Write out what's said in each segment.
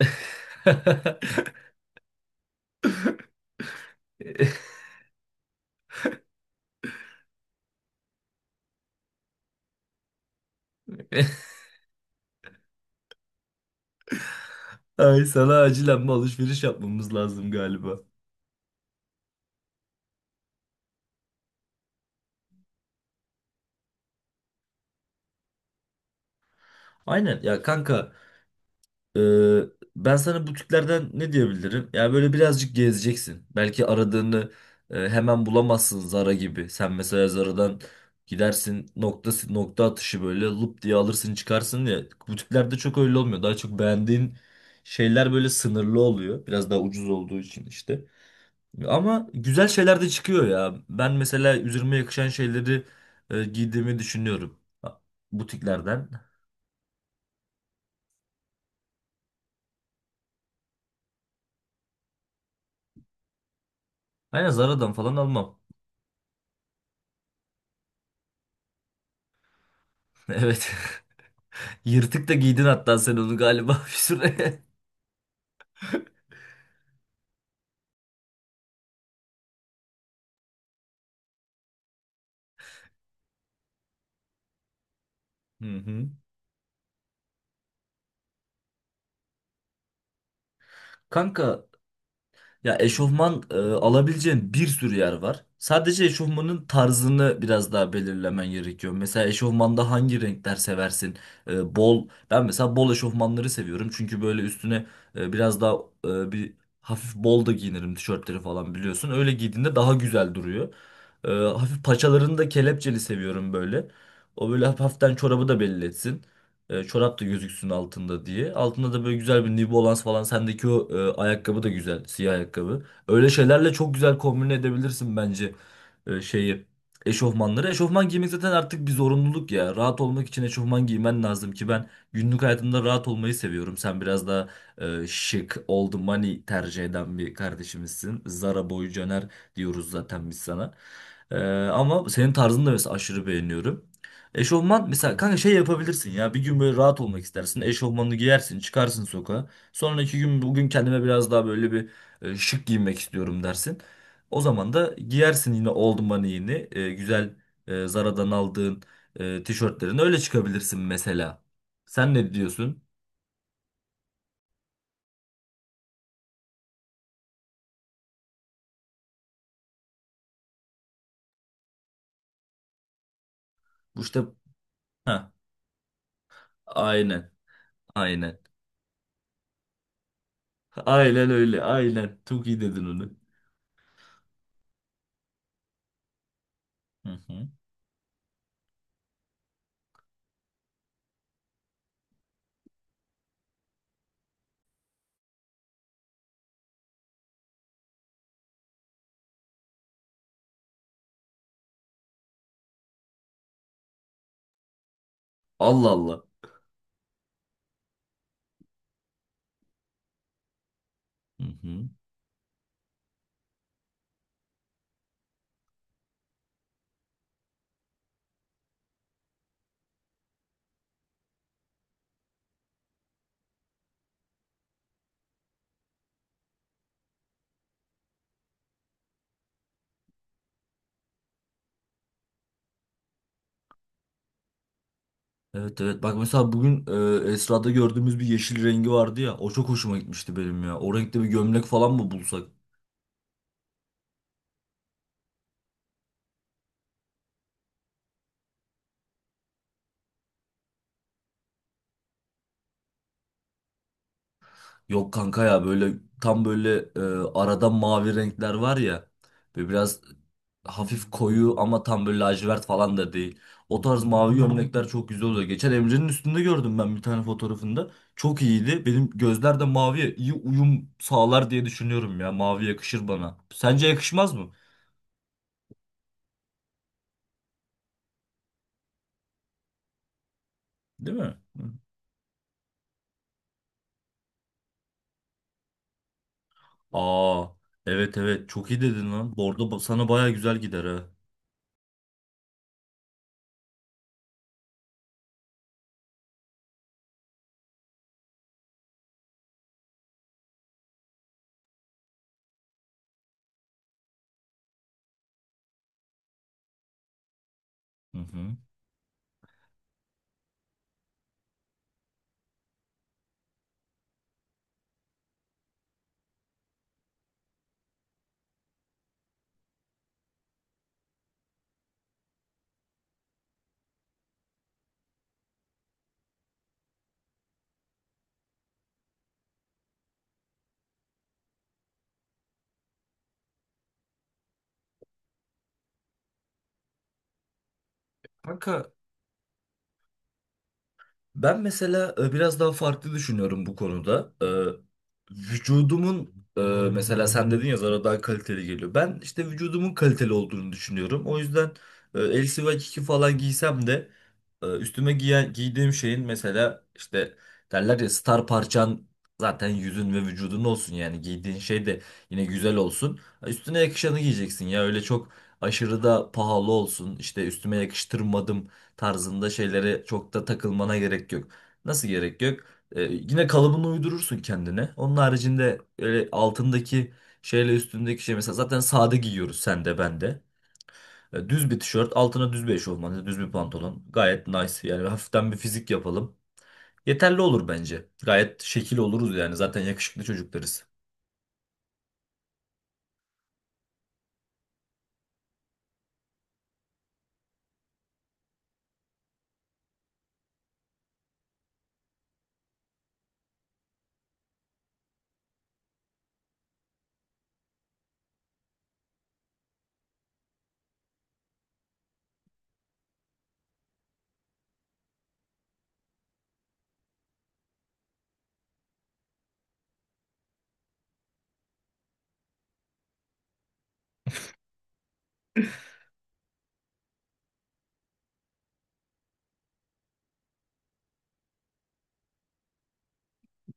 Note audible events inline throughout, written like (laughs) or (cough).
(laughs) Ay sana acilen bir alışveriş yapmamız lazım galiba. Aynen ya kanka, e, ben sana butiklerden ne diyebilirim? Ya böyle birazcık gezeceksin. Belki aradığını hemen bulamazsın Zara gibi. Sen mesela Zara'dan gidersin nokta si, nokta atışı böyle lup diye alırsın çıkarsın ya. Butiklerde çok öyle olmuyor. Daha çok beğendiğin şeyler böyle sınırlı oluyor. Biraz daha ucuz olduğu için işte. Ama güzel şeyler de çıkıyor ya. Ben mesela üzerime yakışan şeyleri giydiğimi düşünüyorum. Ha, butiklerden. Aynen, Zara'dan falan almam. (laughs) Evet. (laughs) Yırtık da giydin hatta sen onu galiba (laughs) bir süre. Hı hı. Kanka, ya eşofman alabileceğin bir sürü yer var. Sadece eşofmanın tarzını biraz daha belirlemen gerekiyor. Mesela eşofmanda hangi renkler seversin? Bol. Ben mesela bol eşofmanları seviyorum. Çünkü böyle üstüne biraz daha e, bir hafif bol da giyinirim tişörtleri falan biliyorsun. Öyle giydiğinde daha güzel duruyor. Hafif paçalarını da kelepçeli seviyorum böyle. O böyle hafiften çorabı da belli etsin. Çorap da gözüksün altında diye. Altında da böyle güzel bir New Balance falan. Sendeki o ayakkabı da güzel. Siyah ayakkabı. Öyle şeylerle çok güzel kombine edebilirsin bence şeyi. Eşofmanları. Eşofman giymek zaten artık bir zorunluluk ya. Rahat olmak için eşofman giymen lazım ki ben günlük hayatımda rahat olmayı seviyorum. Sen biraz daha şık, old money tercih eden bir kardeşimizsin. Zara boy Caner diyoruz zaten biz sana. E, Ama senin tarzını da mesela aşırı beğeniyorum. Eşofman mesela kanka şey yapabilirsin ya, bir gün böyle rahat olmak istersin eşofmanını giyersin çıkarsın sokağa, sonraki gün bugün kendime biraz daha böyle bir şık giyinmek istiyorum dersin, o zaman da giyersin yine oldum bana yeni, güzel Zara'dan aldığın tişörtlerini öyle çıkabilirsin mesela. Sen ne diyorsun? Bu işte. Ha, aynen. Aynen, aynen öyle, çok iyi dedin onu. Hı hı. Allah Allah. Hı hı. Evet, evet, bak mesela bugün Esra'da gördüğümüz bir yeşil rengi vardı ya, o çok hoşuma gitmişti benim ya. O renkte bir gömlek falan mı bulsak? Yok kanka, ya böyle tam böyle e, arada mavi renkler var ya, böyle biraz hafif koyu ama tam böyle lacivert falan da değil. O tarz mavi gömlekler çok güzel oluyor. Geçen Emre'nin üstünde gördüm ben bir tane fotoğrafında. Çok iyiydi. Benim gözler de maviye iyi uyum sağlar diye düşünüyorum ya. Mavi yakışır bana. Sence yakışmaz mı? Değil mi? Aa, evet, evet, çok iyi dedin lan. Bordo ba- sana baya güzel gider ha. Hı hı. Kanka, ben mesela biraz daha farklı düşünüyorum bu konuda. E, vücudumun e, mesela sen dedin ya, Zara daha kaliteli geliyor. Ben işte vücudumun kaliteli olduğunu düşünüyorum. O yüzden eldiven iki falan giysem de, giydiğim şeyin mesela işte, derler ya, star parçan zaten yüzün ve vücudun olsun, yani giydiğin şey de yine güzel olsun. Üstüne yakışanı giyeceksin ya, öyle çok aşırı da pahalı olsun, İşte üstüme yakıştırmadım tarzında şeylere çok da takılmana gerek yok. Nasıl gerek yok? Yine kalıbını uydurursun kendine. Onun haricinde öyle altındaki şeyle üstündeki şey, mesela zaten sade giyiyoruz sen de ben de. Düz bir tişört altına düz bir eşofman, yani düz bir pantolon gayet nice, yani hafiften bir fizik yapalım. Yeterli olur bence. Gayet şekil oluruz yani, zaten yakışıklı çocuklarız.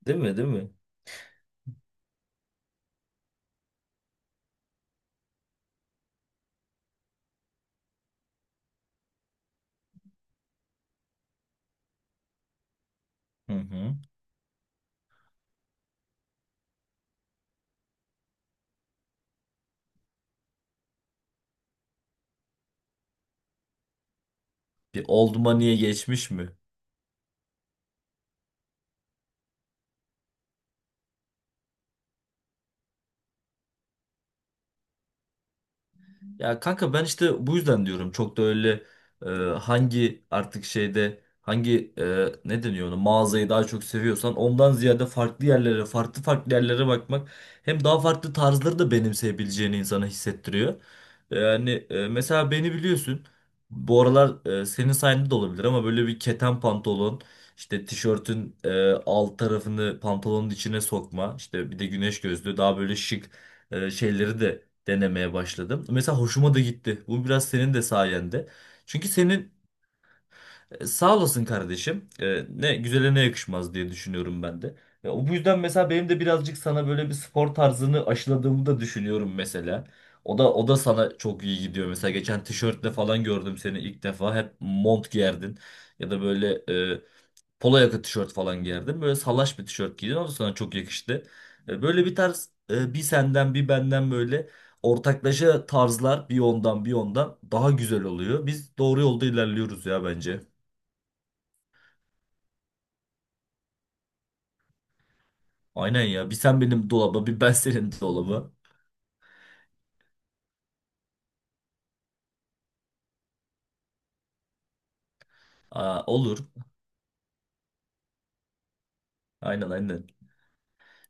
Değil mi, değil mi? Hı hı. Bir old money'e geçmiş mi? Ya kanka, ben işte bu yüzden diyorum, çok da öyle e, hangi artık şeyde hangi e, ne deniyor ona, mağazayı daha çok seviyorsan, ondan ziyade farklı yerlere, farklı yerlere bakmak hem daha farklı tarzları da benimseyebileceğini insana hissettiriyor. Yani mesela beni biliyorsun, bu aralar senin sayende de olabilir ama böyle bir keten pantolon işte tişörtün alt tarafını pantolonun içine sokma, işte bir de güneş gözlüğü, daha böyle şık şeyleri de denemeye başladım. Mesela hoşuma da gitti. Bu biraz senin de sayende. Çünkü senin sağ olasın kardeşim. Ne güzele ne yakışmaz diye düşünüyorum ben de. Ya, o- bu yüzden mesela benim de birazcık sana böyle bir spor tarzını aşıladığımı da düşünüyorum mesela. O da, o da sana çok iyi gidiyor. Mesela geçen tişörtle falan gördüm seni ilk defa. Hep mont giyerdin ya da böyle polo yaka tişört falan giyerdim. Böyle salaş bir tişört giydim ama sana çok yakıştı. Böyle bir tarz, bir senden bir benden, böyle ortaklaşa tarzlar, bir ondan bir ondan daha güzel oluyor. Biz doğru yolda ilerliyoruz ya bence. Aynen ya. Bir sen benim dolaba, bir ben senin dolaba. Aa, olur. Aynen, aynen.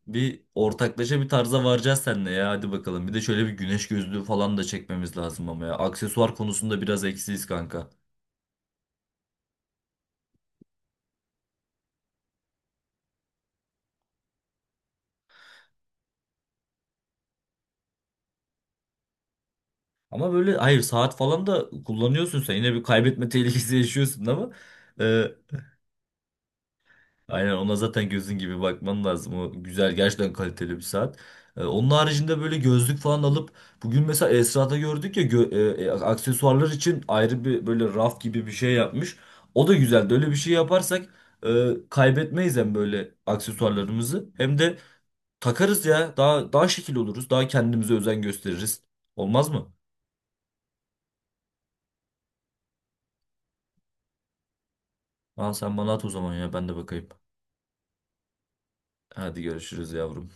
Bir ortaklaşa bir tarza varacağız seninle ya, hadi bakalım. Bir de şöyle bir güneş gözlüğü falan da çekmemiz lazım ama ya. Aksesuar konusunda biraz eksiyiz kanka. Ama böyle hayır, saat falan da kullanıyorsun sen. Yine bir kaybetme tehlikesi (laughs) yaşıyorsun ama e, aynen, ona zaten gözün gibi bakman lazım. O güzel, gerçekten kaliteli bir saat. Onun haricinde böyle gözlük falan alıp, bugün mesela Esra'da gördük ya, aksesuarlar için ayrı bir böyle raf gibi bir şey yapmış. O da güzeldi. Öyle bir şey yaparsak kaybetmeyiz hem böyle aksesuarlarımızı, hem de takarız ya. Daha, daha şekil oluruz. Daha kendimize özen gösteririz. Olmaz mı? Aa, sen bana at o zaman ya, ben de bakayım. Hadi görüşürüz yavrum.